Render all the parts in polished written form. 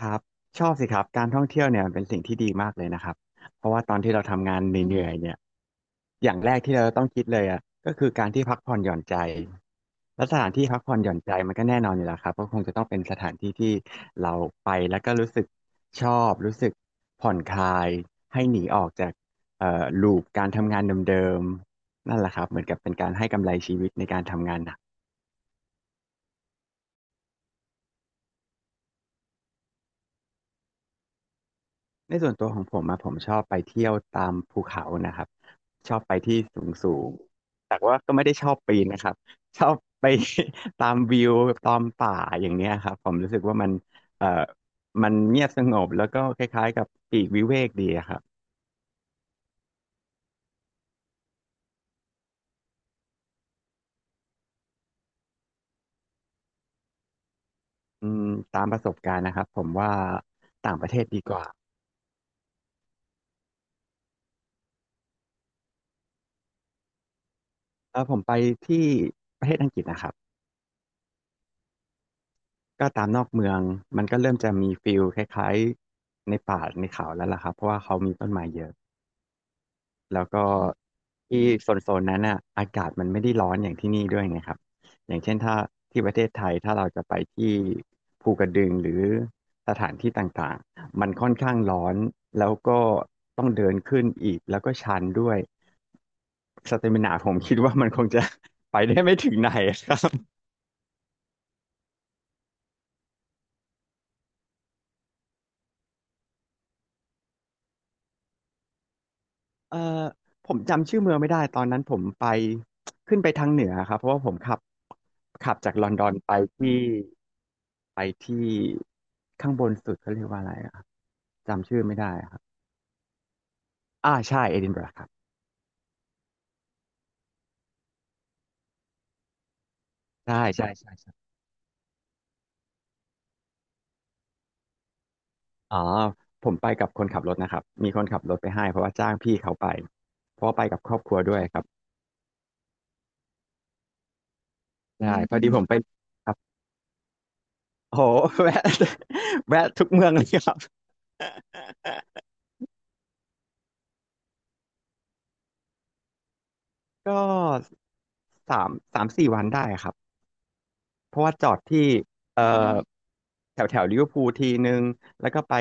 ครับชอบสิครับการท่องเที่ยวเนี่ยมันเป็นสิ่งที่ดีมากเลยนะครับเพราะว่าตอนที่เราทำงานเหนื่อยๆเนี่ยอย่างแรกที่เราต้องคิดเลยอ่ะก็คือการที่พักผ่อนหย่อนใจและสถานที่พักผ่อนหย่อนใจมันก็แน่นอนอยู่แล้วครับก็คงจะต้องเป็นสถานที่ที่เราไปแล้วก็รู้สึกชอบรู้สึกผ่อนคลายให้หนีออกจากลูปการทำงานเดิมๆนั่นแหละครับเหมือนกับเป็นการให้กำไรชีวิตในการทำงานหนัก ในส่วนตัวของผมอะผมชอบไปเที่ยวตามภูเขานะครับชอบไปที่สูงสูงแต่ว่าก็ไม่ได้ชอบปีนนะครับ ชอบไป ตามวิวตามป่าอย่างเนี้ยครับผมรู้สึกว่ามันเอ่อมันเงียบสงบแล้วก็คล้ายๆกับปลีกวิเวกดีอะครับอืมตามประสบการณ์นะครับผมว่าต่างประเทศดีกว่าเออผมไปที่ประเทศอังกฤษนะครับก็ตามนอกเมืองมันก็เริ่มจะมีฟิลคล้ายๆในป่าในเขาแล้วล่ะครับเพราะว่าเขามีต้นไม้เยอะ แล้วก็ที่โซนนั้นอ่ะอากาศมันไม่ได้ร้อนอย่างที่นี่ด้วยไงครับอย่างเช่นถ้าที่ประเทศไทยถ้าเราจะไปที่ภูกระดึงหรือสถานที่ต่างๆมันค่อนข้างร้อนแล้วก็ต้องเดินขึ้นอีกแล้วก็ชันด้วยสเตมินาผมคิดว่ามันคงจะ ไปได้ไม่ถึงไหนครับเอ่อผมจำชื่อเมืองไม่ได้ตอนนั้นผมไปขึ้นไปทางเหนือครับเพราะว่าผมขับจากลอนดอนไปที่ ไปที่ข้างบนสุดเขาเรียกว่าอะไรอะจำชื่อไม่ได้อะครับอ่าใช่เอดินบะระครับใช่ใช่ใช่ใช่อ๋อผมไปกับคนขับรถนะครับมีคนขับรถไปให้เพราะว่าจ้างพี่เขาไปเพราะว่าไปกับครอบครัวด้วยครับไดใช่พอดีผมไปครับโอ้โหแวะแวะทุกเมืองเลยครับ ก็สามสี่วันได้ครับ เพราะว่าจอดที่เอ่อแถวแถวลิเวอร์พูลทีนึงแล้วก็ไป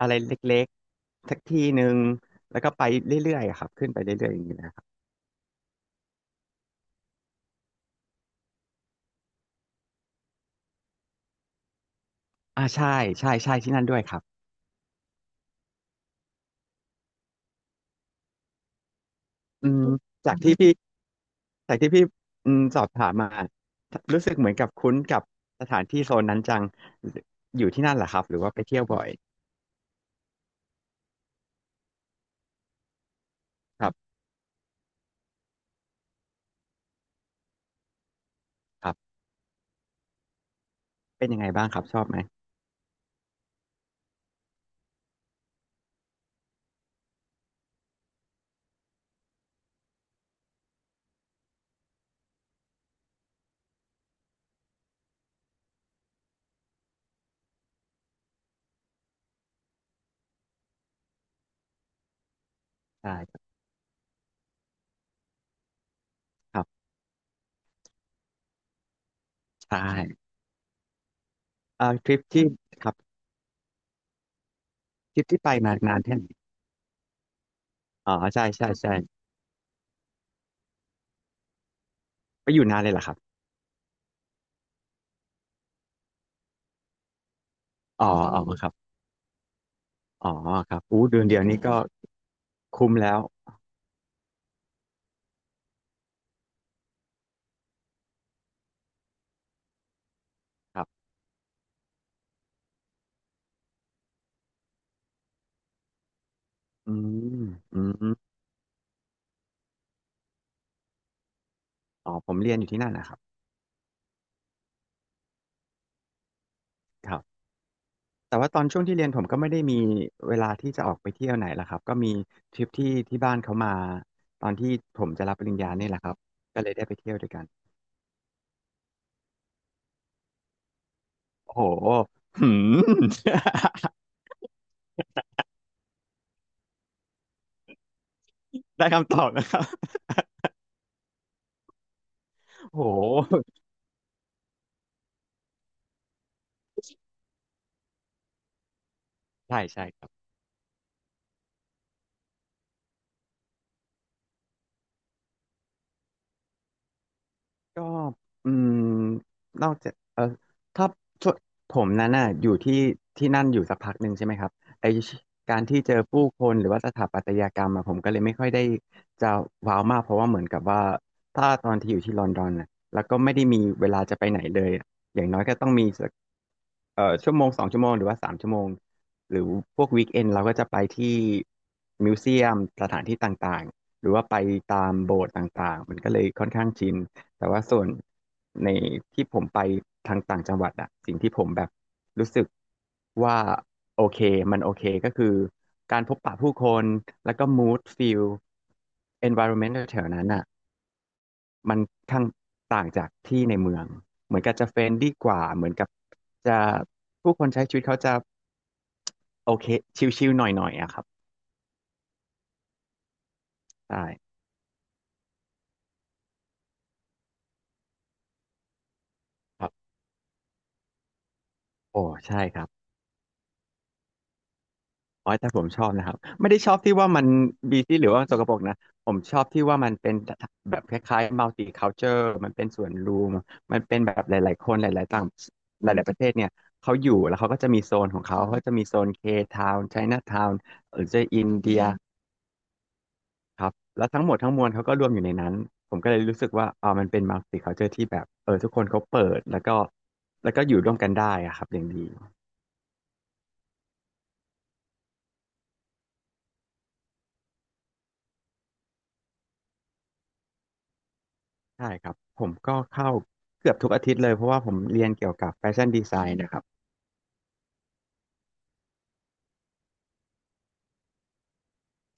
อะไรเล็กๆสักทีนึงแล้วก็ไปเรื่อยๆอะครับขึ้นไปเรื่อยๆอย่างนี้นะครับอ่าใช่ใช่ใช่ที่นั่นด้วยครับอืมจากที่พี่จากที่พี่อืมสอบถามมารู้สึกเหมือนกับคุ้นกับสถานที่โซนนั้นจังอยู่ที่นั่นเหรอครับหรือว่าไปเที่ยวบ่อยครับครับเป็นยังไงบ้างครับชอบไหมใช่ครับใช่เอ่อทริปที่ครับทริปที่ไปมานานแค่ไหนอ๋อใช่ใช่ใช่ไปอยู่นานเลยเหรอครับ อ๋ออือ๋อมครับอ๋อครับอู้เดือนเดียวอืนี้ก็มคุ้มแล้วครับอืมอืมอ๋อผมเรียนอยู่ที่นั่นนะครับครับแต่ว่าตอนช่วงที่เรียนผมก็ไม่ได้มีเวลาที่จะออกไปเที่ยวไหนละครับก็มีทริปที่ที่บ้านเขามาตอนที่ผมจะรับปริญญาเนี่ยแหละครับก็เลยได้ไปเที่ยวด้วยกันโอ้โหหืม ได้คำตอบนะครับโอ้โหใช่ใช่ครับ ก็อืมนอกจากเออถ้าช่วงผมนั้นน่ะอยู่ที่ที่นั่นอยู่สักพักหนึ่งใช่ไหมครับไอการที่เจอผู้คนหรือว่าสถาปัตยกรรมอะผมก็เลยไม่ค่อยได้จะว้าวมากเพราะว่าเหมือนกับว่าถ้าตอนที่อยู่ที่ลอนดอนน่ะแล้วก็ไม่ได้มีเวลาจะไปไหนเลยอย่างน้อยก็ต้องมี ชั่วโมงสองชั่วโมงหรือว่าสามชั่วโมงหรือพวกวีคเอนเราก็จะไปที่มิวเซียมสถานที่ต่างๆหรือว่าไปตามโบสถ์ต่างๆมันก็เลยค่อนข้างชินแต่ว่าส่วนในที่ผมไปทางต่างจังหวัดอะสิ่งที่ผมแบบรู้สึกว่าโอเคมันโอเคก็คือการพบปะผู้คนแล้วก็ mood feel environment แถวๆนั้นอะ มันทั้างต่างจากที่ในเมืองเหมือนกับจะเฟรนดี้กว่าเหมือนกับจะผู้คนใช้ชีวิตเขาจะโอเคชิลๆหน่อยๆอะครับใช่ครับโอ้ใช่ครับโอยแต่ผมชอบนะครับไม่ได้ชอบที่ว่ามันบีซี่หรือว่าสกปรกนะผมชอบที่ว่ามันเป็นแบบคล้ายๆมัลติคัลเจอร์มันเป็นส่วนรวมมันเป็นแบบหลายๆคนหลายๆต่างหลายๆประเทศเนี่ยเขาอยู่แล้วเขาก็จะมีโซนของเขาเขาจะมีโซนเคทาวน์ไชน่าทาวน์หรือจะอินเดีย ครับแล้วทั้งหมดทั้งมวลเขาก็รวมอยู่ในนั้นผมก็เลยรู้สึกว่าอ่ามันเป็น multicultural ที่แบบทุกคนเขาเปิดแล้วก็แล้วก็อยู่ร่วมกันได้อะครับอย่างดีใช่ครับผมก็เข้าเกือบทุกอาทิตย์เลยเพราะว่าผมเรียนเกี่ยวกับแฟชั่นดีไซน์นะครับ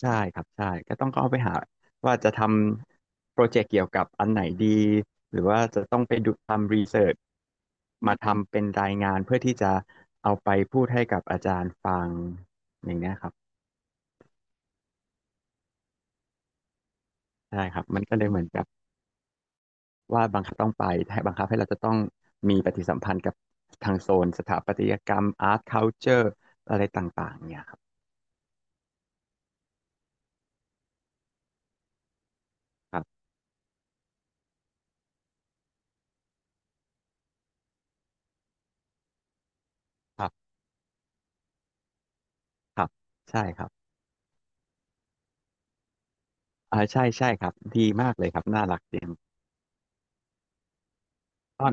ใช่ครับใช่ก็ต้องเข้าไปหาว่าจะทำโปรเจกต์เกี่ยวกับอันไหนดีหรือว่าจะต้องไปดูทำรีเสิร์ชมาทำเป็นรายงานเพื่อที่จะเอาไปพูดให้กับอาจารย์ฟังอย่างเงี้ยครับใช่ครับมันก็เลยเหมือนกับ ว่าบังคับต้องไปให้บังคับให้เราจะต้องมีปฏิสัมพันธ์กับทางโซนสถาปัตยกรรมอาร์ตคัลเจอร์อะไรต่างๆเนี่ยครับครับครับครับใช่ครับอ่าใช่ใช่ครับดีมากเลยครับน่ารักจริงต้อน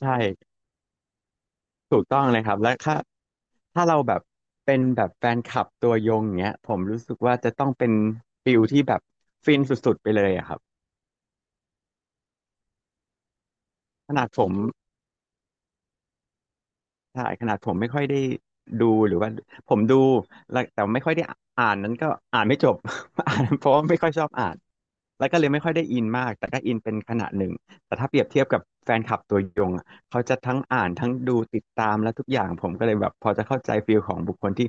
ใช่ถูกต้องเลยครับและถ้าเราแบบเป็นแบบแฟนคลับตัวยงเงี้ยผมรู้สึกว่าจะต้องเป็นฟิลที่แบบฟินสุดๆไปเลยอะครับขนาดผม ใช่ขนาดผมไม่ค่อยได้ดูหรือว่าผมดูแล้วแต่ไม่ค่อยได้อ่านนั้นก็อ่านไม่จบ อ่านเพราะว่าไม่ค่อยชอบอ่านแล้วก็เลยไม่ค่อยได้อินมากแต่ก็อินเป็นขนาดหนึ่งแต่ถ้าเปรียบเทียบกับแฟนคลับตัวยงอะเขาจะทั้งอ่านทั้งดูติดตามและทุกอย่างผมก็เลยแบบพอจะเข้าใจฟีลของบุคคลที่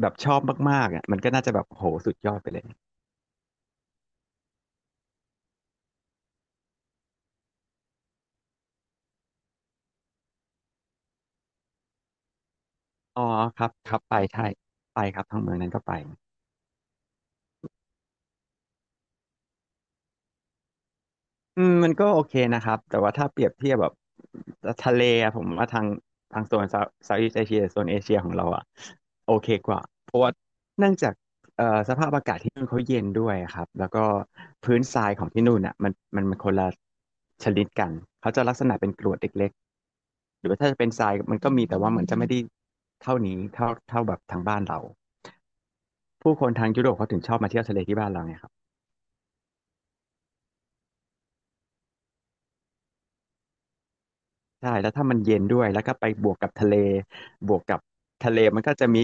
แบบชอบมากๆอ่ะมันก็น่าจะแบบโหสุดยอดไปเลยอ๋อครับครับไปใช่ไปครับทั้งเมืองนั้นก็ไป อืมมันก็โอเคนะครับแต่ว่าถ้าเปรียบเทียบแบบทะเลอะผมว่าทางโซนเซาท์อีสเอเชียโซนเอเชียของเราอะโอเคกว่าเพราะว่าเนื่องจากสภาพอากาศที่นู่นเขาเย็นด้วยครับแล้วก็พื้นทรายของที่นู่นอะมันคนละชนิดกันเขาจะลักษณะเป็นกรวดเล็กๆหรือว่าถ้าจะเป็นทรายมันก็มีแต่ว่าเหมือนจะไม่ได้เท่านี้เท่าแบบทางบ้านเราผู้คนทางยุโรปเขาถึงชอบมาเที่ยวทะเลที่บ้านเราไงครับ ใช่แล้วถ้ามันเย็นด้วยแล้วก็ไปบวกกับทะเลบวกกับทะเลมันก็จะมี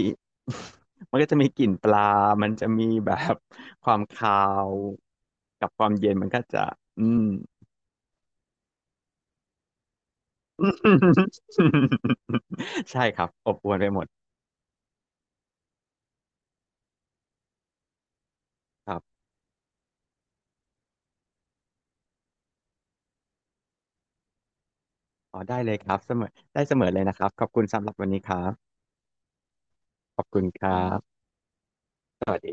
มันก็จะมีกลิ่นปลามันจะมีแบบ ความคาวกับความเย็นมันก็จะอืม ใช่ครับอบอวลไปหมดครับอ๋อได้เลยครับเสมอได้เสมอเลยนะครับขอบคุณสำหรับวันนี้ครับขอบคุณครับสวัสดี